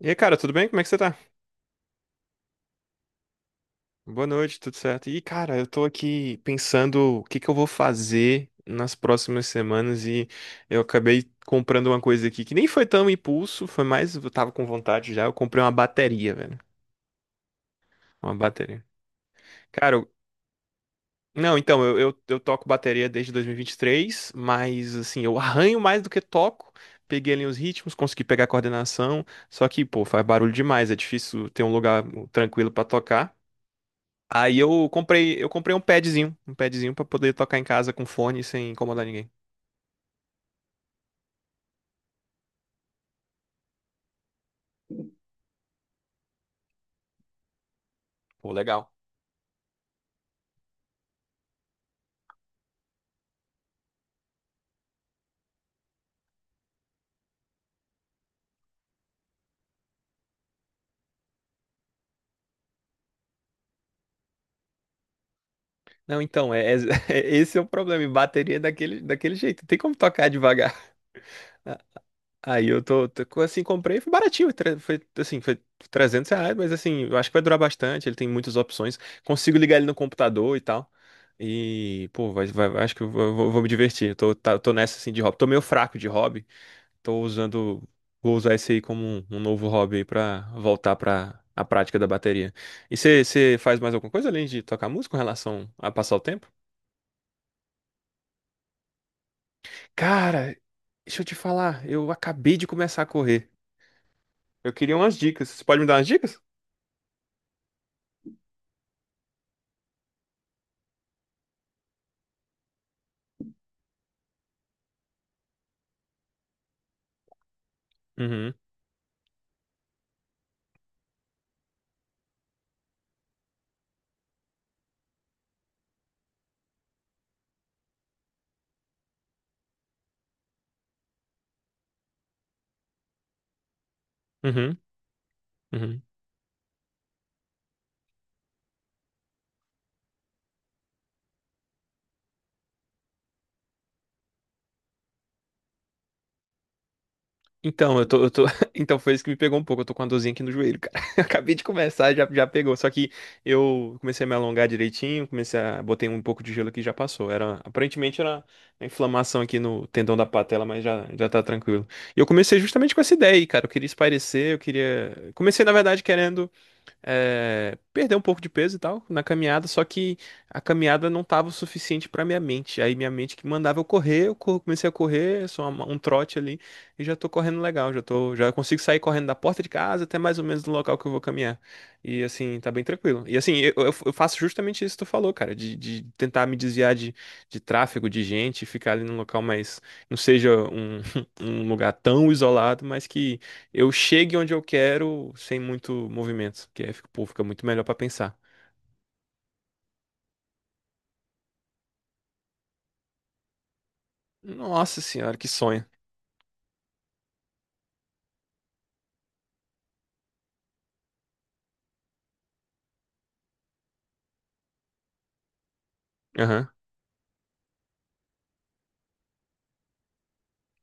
E aí, cara, tudo bem? Como é que você tá? Boa noite, tudo certo? E, cara, eu tô aqui pensando o que que eu vou fazer nas próximas semanas e eu acabei comprando uma coisa aqui que nem foi tão impulso, foi mais, eu tava com vontade já, eu comprei uma bateria, velho. Uma bateria. Cara, eu- não, então, eu toco bateria desde 2023, mas, assim, eu arranho mais do que toco. Peguei ali os ritmos, consegui pegar a coordenação, só que, pô, faz barulho demais, é difícil ter um lugar tranquilo pra tocar. Eu comprei um padzinho pra poder tocar em casa com fone sem incomodar ninguém. Pô, legal. Não, então, esse é o problema. Bateria é daquele jeito. Não tem como tocar devagar. A- Aí eu assim, comprei, foi baratinho. Foi, assim, foi R$ 300, mas assim, eu acho que vai durar bastante. Ele tem muitas opções. Consigo ligar ele no computador e tal. E, pô, acho que eu vou me divertir. Eu tô nessa, assim, de hobby. Tô meio fraco de hobby. Tô usando, vou usar esse aí como um novo hobby aí pra voltar pra a prática da bateria. E você faz mais alguma coisa além de tocar música com relação a passar o tempo? Cara, deixa eu te falar, eu acabei de começar a correr. Eu queria umas dicas. Você pode me dar umas dicas? Uhum, uhum, uhum. Então, eu tô... Então foi isso que me pegou um pouco. Eu tô com a dorzinha aqui no joelho, cara. Eu acabei de começar, já pegou. Só que eu comecei a me alongar direitinho, comecei a... Botei um pouco de gelo aqui e já passou. Era... Aparentemente era uma inflamação aqui no tendão da patela, mas já tá tranquilo. E eu comecei justamente com essa ideia aí, cara. Eu queria espairecer, eu queria... Comecei, na verdade, querendo perder um pouco de peso e tal na caminhada, só que a caminhada não tava o suficiente pra minha mente. Aí minha mente que mandava eu correr, comecei a correr, um trote ali e já tô correndo legal, já consigo sair correndo da porta de casa até mais ou menos do local que eu vou caminhar. E assim, tá bem tranquilo. E assim, eu faço justamente isso que tu falou, cara, de tentar me desviar de tráfego, de gente, ficar ali num local mais, não seja um, um lugar tão isolado, mas que eu chegue onde eu quero sem muito movimento, que aí fica, pô, fica muito melhor pra pensar. Nossa senhora, que sonho. Aham,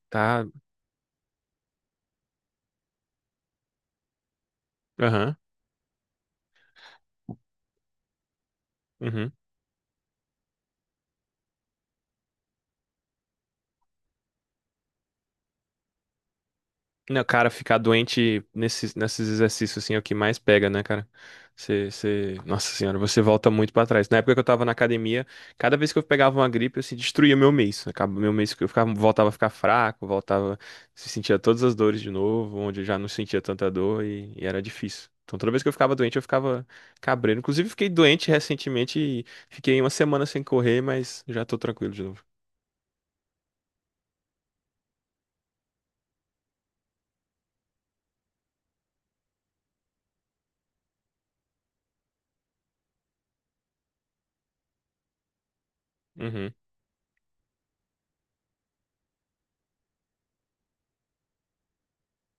tá. Aham, uhum. Não, cara, ficar doente nesses exercícios assim é o que mais pega, né, cara? Você... Nossa senhora, você volta muito pra trás. Na época que eu tava na academia, cada vez que eu pegava uma gripe, eu assim, destruía meu mês. Acaba meu mês que eu ficava, voltava a ficar fraco, voltava, se sentia todas as dores de novo, onde eu já não sentia tanta dor e era difícil. Então toda vez que eu ficava doente, eu ficava cabreiro. Inclusive, fiquei doente recentemente e fiquei uma semana sem correr, mas já tô tranquilo de novo. Uhum.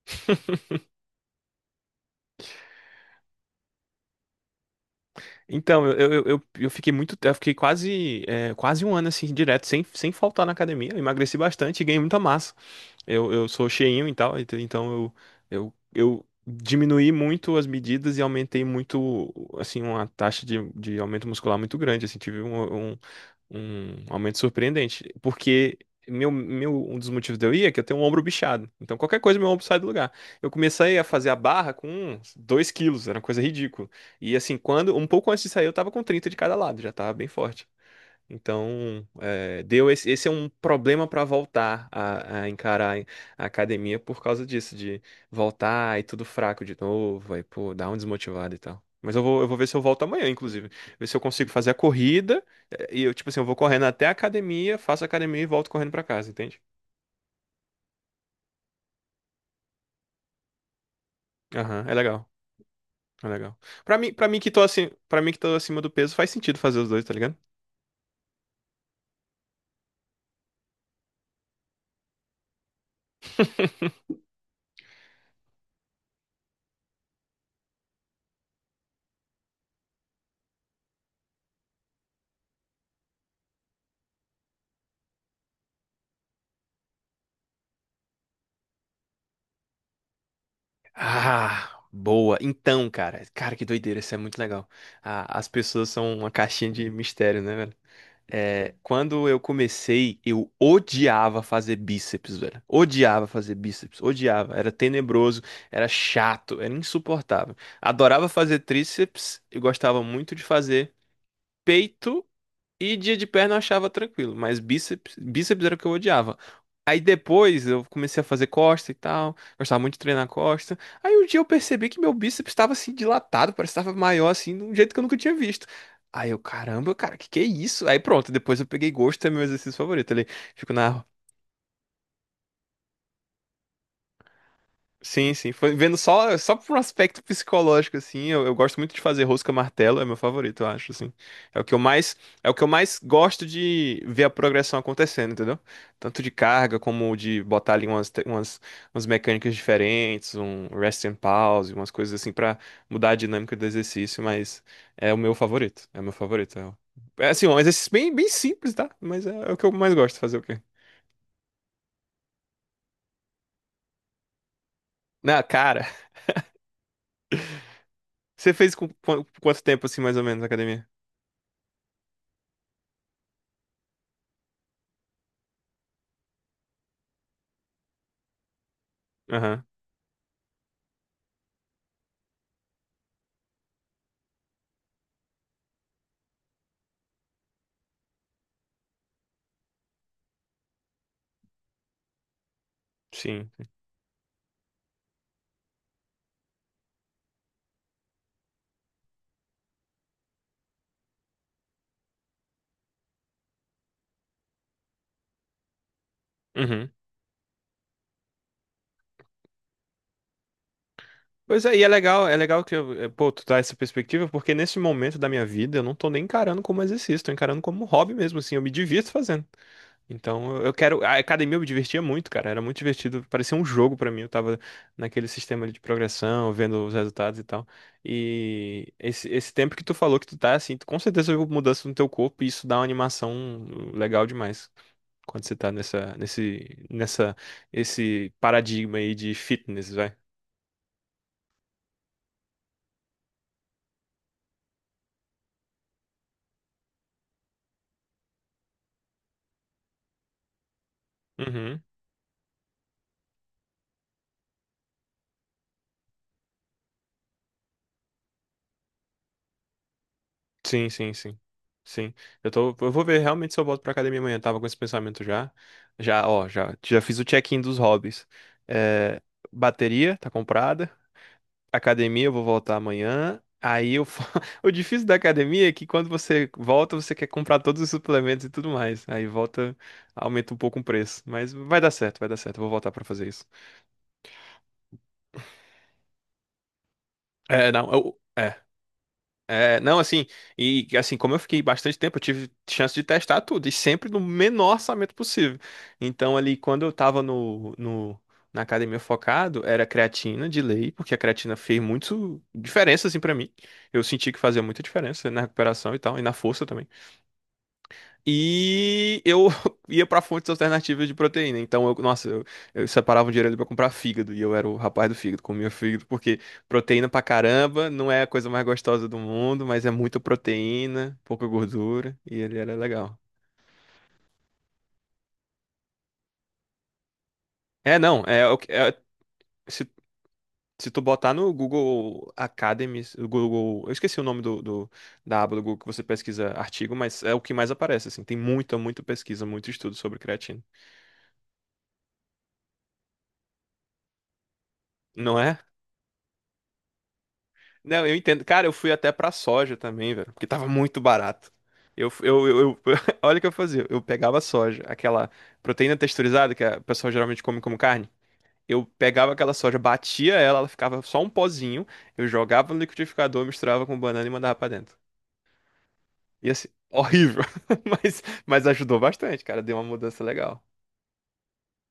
Então, eu fiquei muito, eu fiquei quase, quase um ano assim, direto, sem faltar na academia. Eu emagreci bastante e ganhei muita massa. Eu sou cheinho e tal, então eu diminuí muito as medidas e aumentei muito, assim, uma taxa de aumento muscular muito grande, assim, tive um, um aumento surpreendente, porque um dos motivos de eu ir é que eu tenho um ombro bichado, então qualquer coisa meu ombro sai do lugar. Eu comecei a fazer a barra com 2 kg, era uma coisa ridícula, e assim, quando, um pouco antes de sair eu tava com 30 de cada lado, já tava bem forte. Então, é, deu esse, esse é um problema para voltar a encarar a academia por causa disso, de voltar e tudo fraco de novo, aí, pô, dá um desmotivado e tal. Mas eu vou ver se eu volto amanhã, inclusive. Ver se eu consigo fazer a corrida. E eu, tipo assim, eu vou correndo até a academia, faço a academia e volto correndo para casa, entende? Aham, é legal. É legal. Pra mim, para mim que tô assim, para mim que tô acima do peso, faz sentido fazer os dois, tá ligado? Ah, boa. Então, cara, que doideira, isso é muito legal. Ah, as pessoas são uma caixinha de mistério, né, velho? É, quando eu comecei, eu odiava fazer bíceps, velho. Odiava fazer bíceps, odiava. Era tenebroso, era chato, era insuportável. Adorava fazer tríceps, eu gostava muito de fazer peito e dia de perna eu achava tranquilo, mas bíceps, bíceps era o que eu odiava. Aí depois eu comecei a fazer costa e tal, gostava muito de treinar costa. Aí um dia eu percebi que meu bíceps estava assim dilatado, parecia que estava maior assim, de um jeito que eu nunca tinha visto. Aí eu, caramba, cara, que é isso? Aí pronto, depois eu peguei gosto, é meu exercício favorito ali. Fico na Sim, sim. Foi vendo só por um aspecto psicológico, assim. Eu gosto muito de fazer rosca martelo, é meu favorito, eu acho, assim. É o que eu mais, é o que eu mais gosto de ver a progressão acontecendo, entendeu? Tanto de carga como de botar ali umas mecânicas diferentes, um rest and pause, umas coisas assim pra mudar a dinâmica do exercício, mas é o meu favorito. É o meu favorito. Assim, um exercício bem simples, tá? Mas é o que eu mais gosto de fazer, o quê? Na cara, você fez com quanto tempo, assim, mais ou menos, na academia? Aham. Sim. Uhum. Pois é, e é legal que eu, pô, tu dá essa perspectiva, porque nesse momento da minha vida eu não tô nem encarando como exercício, tô encarando como hobby mesmo, assim, eu me divirto fazendo. Então eu quero. A academia eu me divertia muito, cara. Era muito divertido. Parecia um jogo pra mim. Eu tava naquele sistema ali de progressão, vendo os resultados e tal. E esse tempo que tu falou que tu tá assim, tu, com certeza houve mudança no teu corpo e isso dá uma animação legal demais. Quando você tá esse paradigma aí de fitness, vai. Uhum. Sim, sim, sim. Sim. Eu tô, eu vou ver realmente se eu volto pra academia amanhã. Tava com esse pensamento já. Já fiz o check-in dos hobbies. É, bateria tá comprada. Academia eu vou voltar amanhã. O difícil da academia é que quando você volta, você quer comprar todos os suplementos e tudo mais. Aí volta, aumenta um pouco o preço. Mas vai dar certo, vai dar certo. Eu vou voltar pra fazer isso. É, não, eu- é, É, não, assim, e assim, como eu fiquei bastante tempo, eu tive chance de testar tudo, e sempre no menor orçamento possível. Então, ali, quando eu tava na academia focado, era creatina de lei, porque a creatina fez muito diferença, assim, pra mim. Eu senti que fazia muita diferença na recuperação e tal, e na força também. E eu ia pra fontes alternativas de proteína. Então, eu separava um dinheiro ali pra comprar fígado. E eu era o rapaz do fígado, comia fígado, porque proteína pra caramba não é a coisa mais gostosa do mundo, mas é muita proteína, pouca gordura, e ele era legal. É, não, é, o que- é- se, se tu botar no Google Academy, o Google, eu esqueci o nome da aba do Google que você pesquisa artigo, mas é o que mais aparece, assim. Tem muita pesquisa, muito estudo sobre creatina. Não é? Não, eu entendo. Cara, eu fui até pra soja também, velho, porque tava muito barato. Eu, eu, eu, eu- olha o que eu fazia. Eu pegava soja, aquela proteína texturizada que a pessoa geralmente come como carne. Eu pegava aquela soja, batia ela, ela ficava só um pozinho. Eu jogava no liquidificador, misturava com banana e mandava pra dentro. E assim, horrível. Mas, ajudou bastante, cara. Deu uma mudança legal.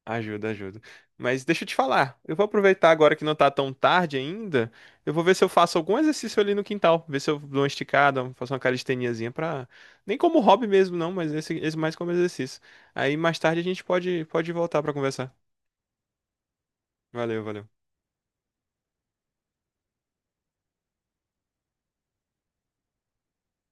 Ajuda, ajuda. Mas deixa eu te falar, eu vou aproveitar agora que não tá tão tarde ainda, eu vou ver se eu faço algum exercício ali no quintal, ver se eu dou uma esticada, faço uma calisteniazinha pra... Nem como hobby mesmo não, mas esse mais como exercício. Aí mais tarde a gente pode, pode voltar pra conversar. Valeu, valeu.